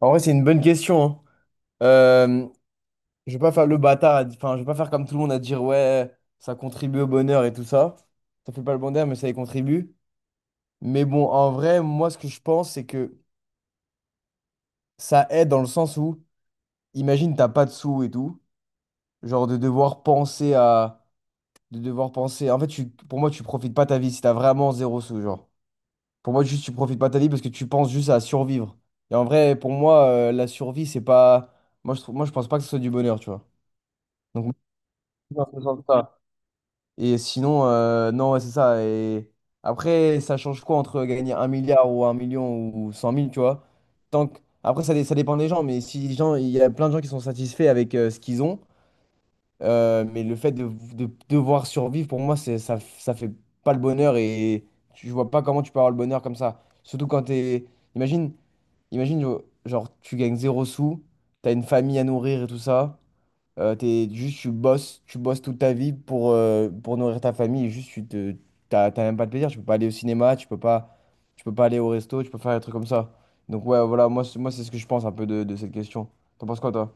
En vrai, c'est une bonne question, hein. Euh, je vais pas faire le bâtard, enfin, je vais pas faire comme tout le monde à dire ouais, ça contribue au bonheur et tout ça. Ça fait pas le bonheur, mais ça y contribue. Mais bon, en vrai, moi, ce que je pense, c'est que ça aide dans le sens où, imagine, t'as pas de sous et tout, genre de devoir penser à, de devoir penser. En fait, pour moi, tu profites pas ta vie si t'as vraiment zéro sous, genre. Pour moi, juste, tu profites pas ta vie parce que tu penses juste à survivre. Et en vrai, pour moi, la survie, c'est pas, moi, je trouve, moi, je pense pas que ce soit du bonheur, tu vois. Donc dans ce sens-là. Et sinon, non, ouais, c'est ça. Et après, ça change quoi entre gagner un milliard ou un million ou cent mille, tu vois? Tant que- Après, ça dépend des gens, mais si les gens, il y a plein de gens qui sont satisfaits avec ce qu'ils ont, mais le fait de devoir survivre, pour moi, ça fait pas le bonheur et je vois pas comment tu peux avoir le bonheur comme ça. Surtout quand t'es. Imagine, imagine, genre, tu gagnes zéro sous, t'as une famille à nourrir et tout ça. Juste, tu bosses toute ta vie pour nourrir ta famille. Et juste, t'as même pas de plaisir. Tu peux pas aller au cinéma, tu peux pas aller au resto, tu peux faire des trucs comme ça. Donc, ouais, voilà, moi c'est ce que je pense un peu de cette question. T'en penses quoi, toi?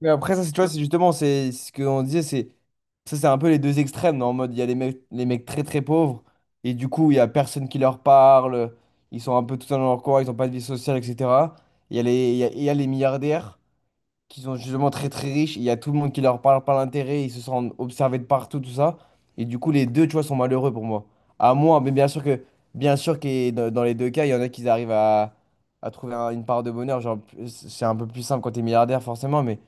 Mais après, ça, c'est, tu vois, c'est justement, c'est ce qu'on disait, c'est un peu les deux extrêmes. Non, en mode, il y a les mecs très très pauvres, et du coup, il y a personne qui leur parle, ils sont un peu tout seuls dans leur coin, ils ont pas de vie sociale, etc. Il y a les milliardaires qui sont justement très très riches, il y a tout le monde qui leur parle par l'intérêt, ils se sentent observés de partout, tout ça. Et du coup, les deux, tu vois, sont malheureux pour moi. À moi, mais bien sûr que dans les deux cas, il y en a qui arrivent à trouver une part de bonheur. Genre, c'est un peu plus simple quand t'es milliardaire, forcément, mais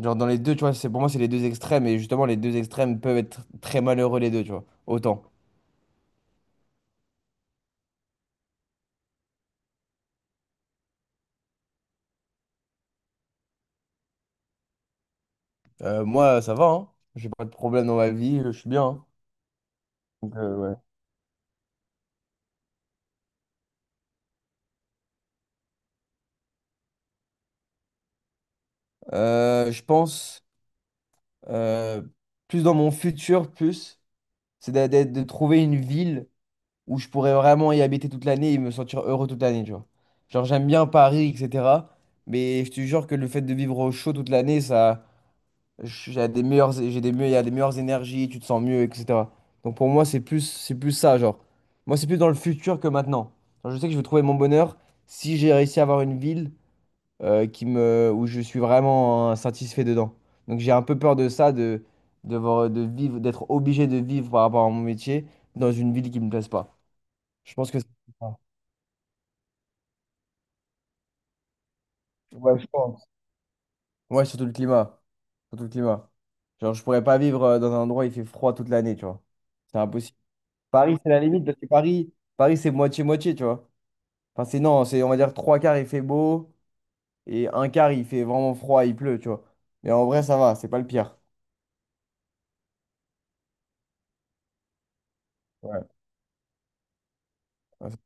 genre dans les deux, tu vois, c'est les deux extrêmes. Et justement, les deux extrêmes peuvent être très malheureux, les deux, tu vois. Autant. Moi, ça va, hein. J'ai pas de problème dans ma vie, je suis bien, hein. Donc, ouais. Je pense euh, plus dans mon futur, plus. C'est de trouver une ville où je pourrais vraiment y habiter toute l'année et me sentir heureux toute l'année, tu vois. Genre, j'aime bien Paris, etc. Mais je te jure que le fait de vivre au chaud toute l'année, ça, il y a des meilleures énergies, tu te sens mieux, etc. Donc pour moi, c'est plus ça, genre. Moi, c'est plus dans le futur que maintenant. Genre, je sais que je vais trouver mon bonheur si j'ai réussi à avoir une ville qui me, où je suis vraiment satisfait dedans. Donc j'ai un peu peur de ça, de vivre, d'être obligé de vivre par rapport à mon métier dans une ville qui me plaise pas. Je pense que c'est ça. Ouais, je pense. Ouais, surtout le climat. Surtout le climat. Genre, je pourrais pas vivre dans un endroit où il fait froid toute l'année, tu vois. C'est impossible. Paris, c'est la limite, parce que Paris, c'est moitié-moitié, tu vois. Enfin, c'est non, c'est, on va dire, trois quarts, il fait beau, et un quart, il fait vraiment froid, il pleut, tu vois. Mais en vrai, ça va, c'est pas le pire. Ouais. Ouais,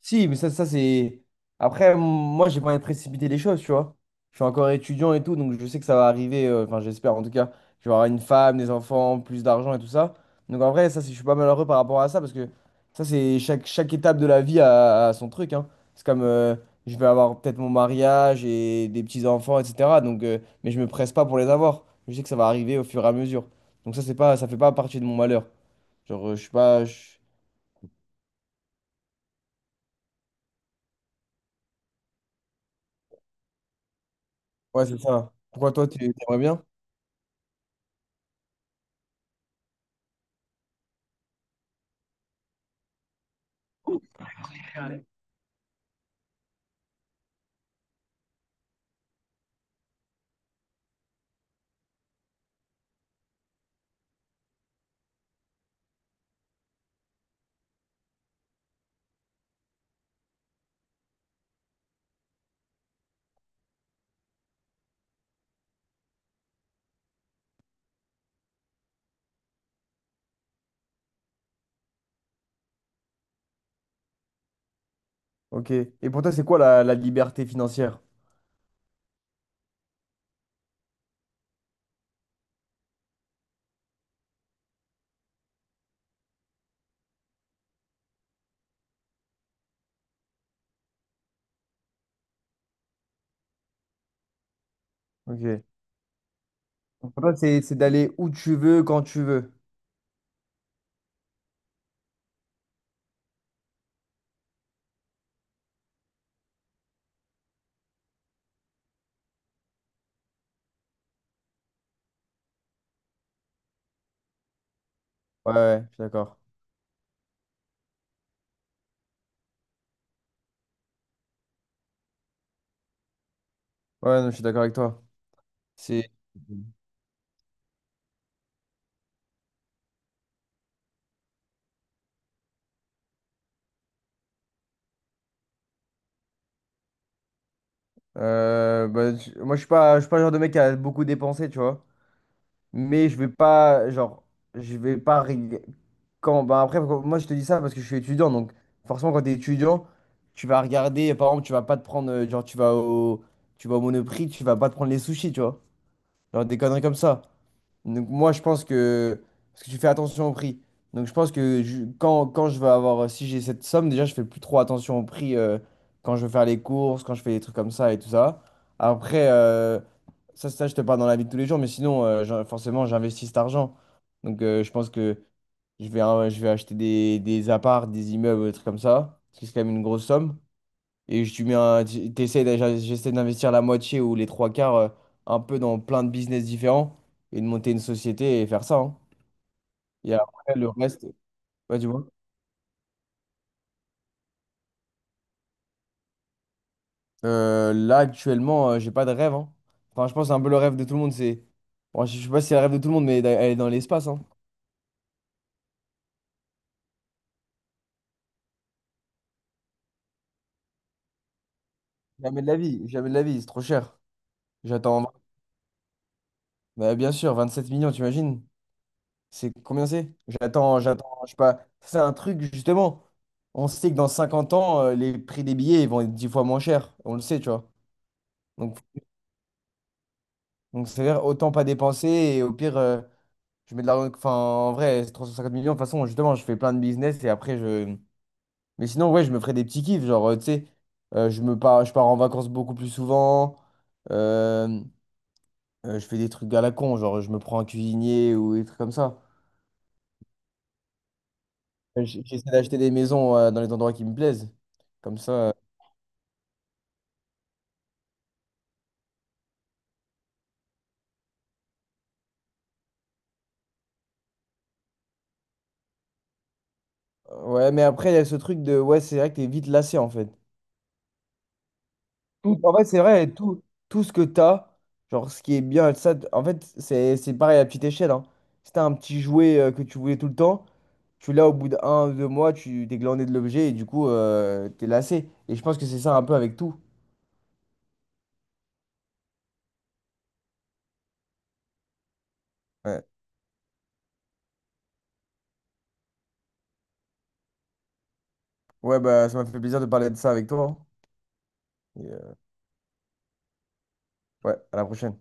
si, mais ça c'est. Après, moi, j'ai pas envie de précipiter les choses, tu vois. Je suis encore étudiant et tout, donc je sais que ça va arriver. Enfin, j'espère en tout cas. Je vais avoir une femme, des enfants, plus d'argent et tout ça. Donc en vrai, je suis pas malheureux par rapport à ça parce que ça, c'est chaque étape de la vie a son truc, hein. C'est comme je vais avoir peut-être mon mariage et des petits-enfants, etc. Donc, mais je me presse pas pour les avoir. Je sais que ça va arriver au fur et à mesure. Donc ça, c'est pas, ça fait pas partie de mon malheur. Genre, je suis pas. Je- Ouais, c'est ça. Pourquoi toi, tu aimerais bien? Ok. Et pour toi, c'est quoi la liberté financière? Ok. Donc, pour toi, c'est d'aller où tu veux, quand tu veux. Ouais, ouais, je suis d'accord. Ouais, non, je suis d'accord avec toi. C'est. Moi, je suis pas le genre de mec qui a beaucoup dépensé, tu vois. Mais je vais pas. Quand, bah après, moi, je te dis ça parce que je suis étudiant. Donc, forcément, quand tu es étudiant, tu vas regarder. Par exemple, tu vas pas te prendre. Genre, tu vas au Monoprix, tu vas pas te prendre les sushis, tu vois. Genre, des conneries comme ça. Donc moi, je pense que... Parce que tu fais attention au prix. Donc je pense que quand je vais avoir... Si j'ai cette somme, déjà, je fais plus trop attention au prix quand je veux faire les courses, quand je fais des trucs comme ça et tout ça. Après, ça, je te parle dans la vie de tous les jours, mais sinon, forcément, j'investis cet argent. Donc je pense que je vais acheter des apparts, des immeubles, des trucs comme ça. Parce que c'est quand même une grosse somme. Et j'essaie d'investir la moitié ou les trois quarts un peu dans plein de business différents et de monter une société et faire ça, hein. Et après, le reste, ouais, tu vois. Là, actuellement, j'ai pas de rêve, hein. Enfin, je pense un peu le rêve de tout le monde, c'est. Bon, je sais pas si c'est le rêve de tout le monde, mais d'aller dans l'espace, hein. Jamais de la vie, jamais de la vie, c'est trop cher. J'attends. Bah, bien sûr, 27 millions, t'imagines? C'est combien c'est? J'attends, j'attends, je sais pas. C'est un truc, justement. On sait que dans 50 ans, les prix des billets ils vont être 10 fois moins chers. On le sait, tu vois. Donc, donc c'est-à-dire, autant pas dépenser. Et au pire, je mets de l'argent. Enfin, en vrai, c'est 350 millions. De toute façon, justement, je fais plein de business et après, je. Mais sinon, ouais, je me ferais des petits kiffs. Genre, tu sais, je pars en vacances beaucoup plus souvent. Euh, je fais des trucs à la con. Genre, je me prends un cuisinier ou des trucs comme ça. J'essaie d'acheter des maisons, dans les endroits qui me plaisent. Comme ça. Ouais, mais après, il y a ce truc de, ouais, c'est vrai que t'es vite lassé, en fait. Tout, en fait, c'est vrai, tout ce que t'as, genre, ce qui est bien, en fait, c'est pareil à petite échelle, hein. Si t'as un petit jouet que tu voulais tout le temps, tu l'as au bout d'un, ou deux mois, tu t'es glandé de l'objet et du coup, t'es lassé. Et je pense que c'est ça un peu avec tout. Ouais. Ouais, bah, ça m'a fait plaisir de parler de ça avec toi, hein. Et, ouais, à la prochaine.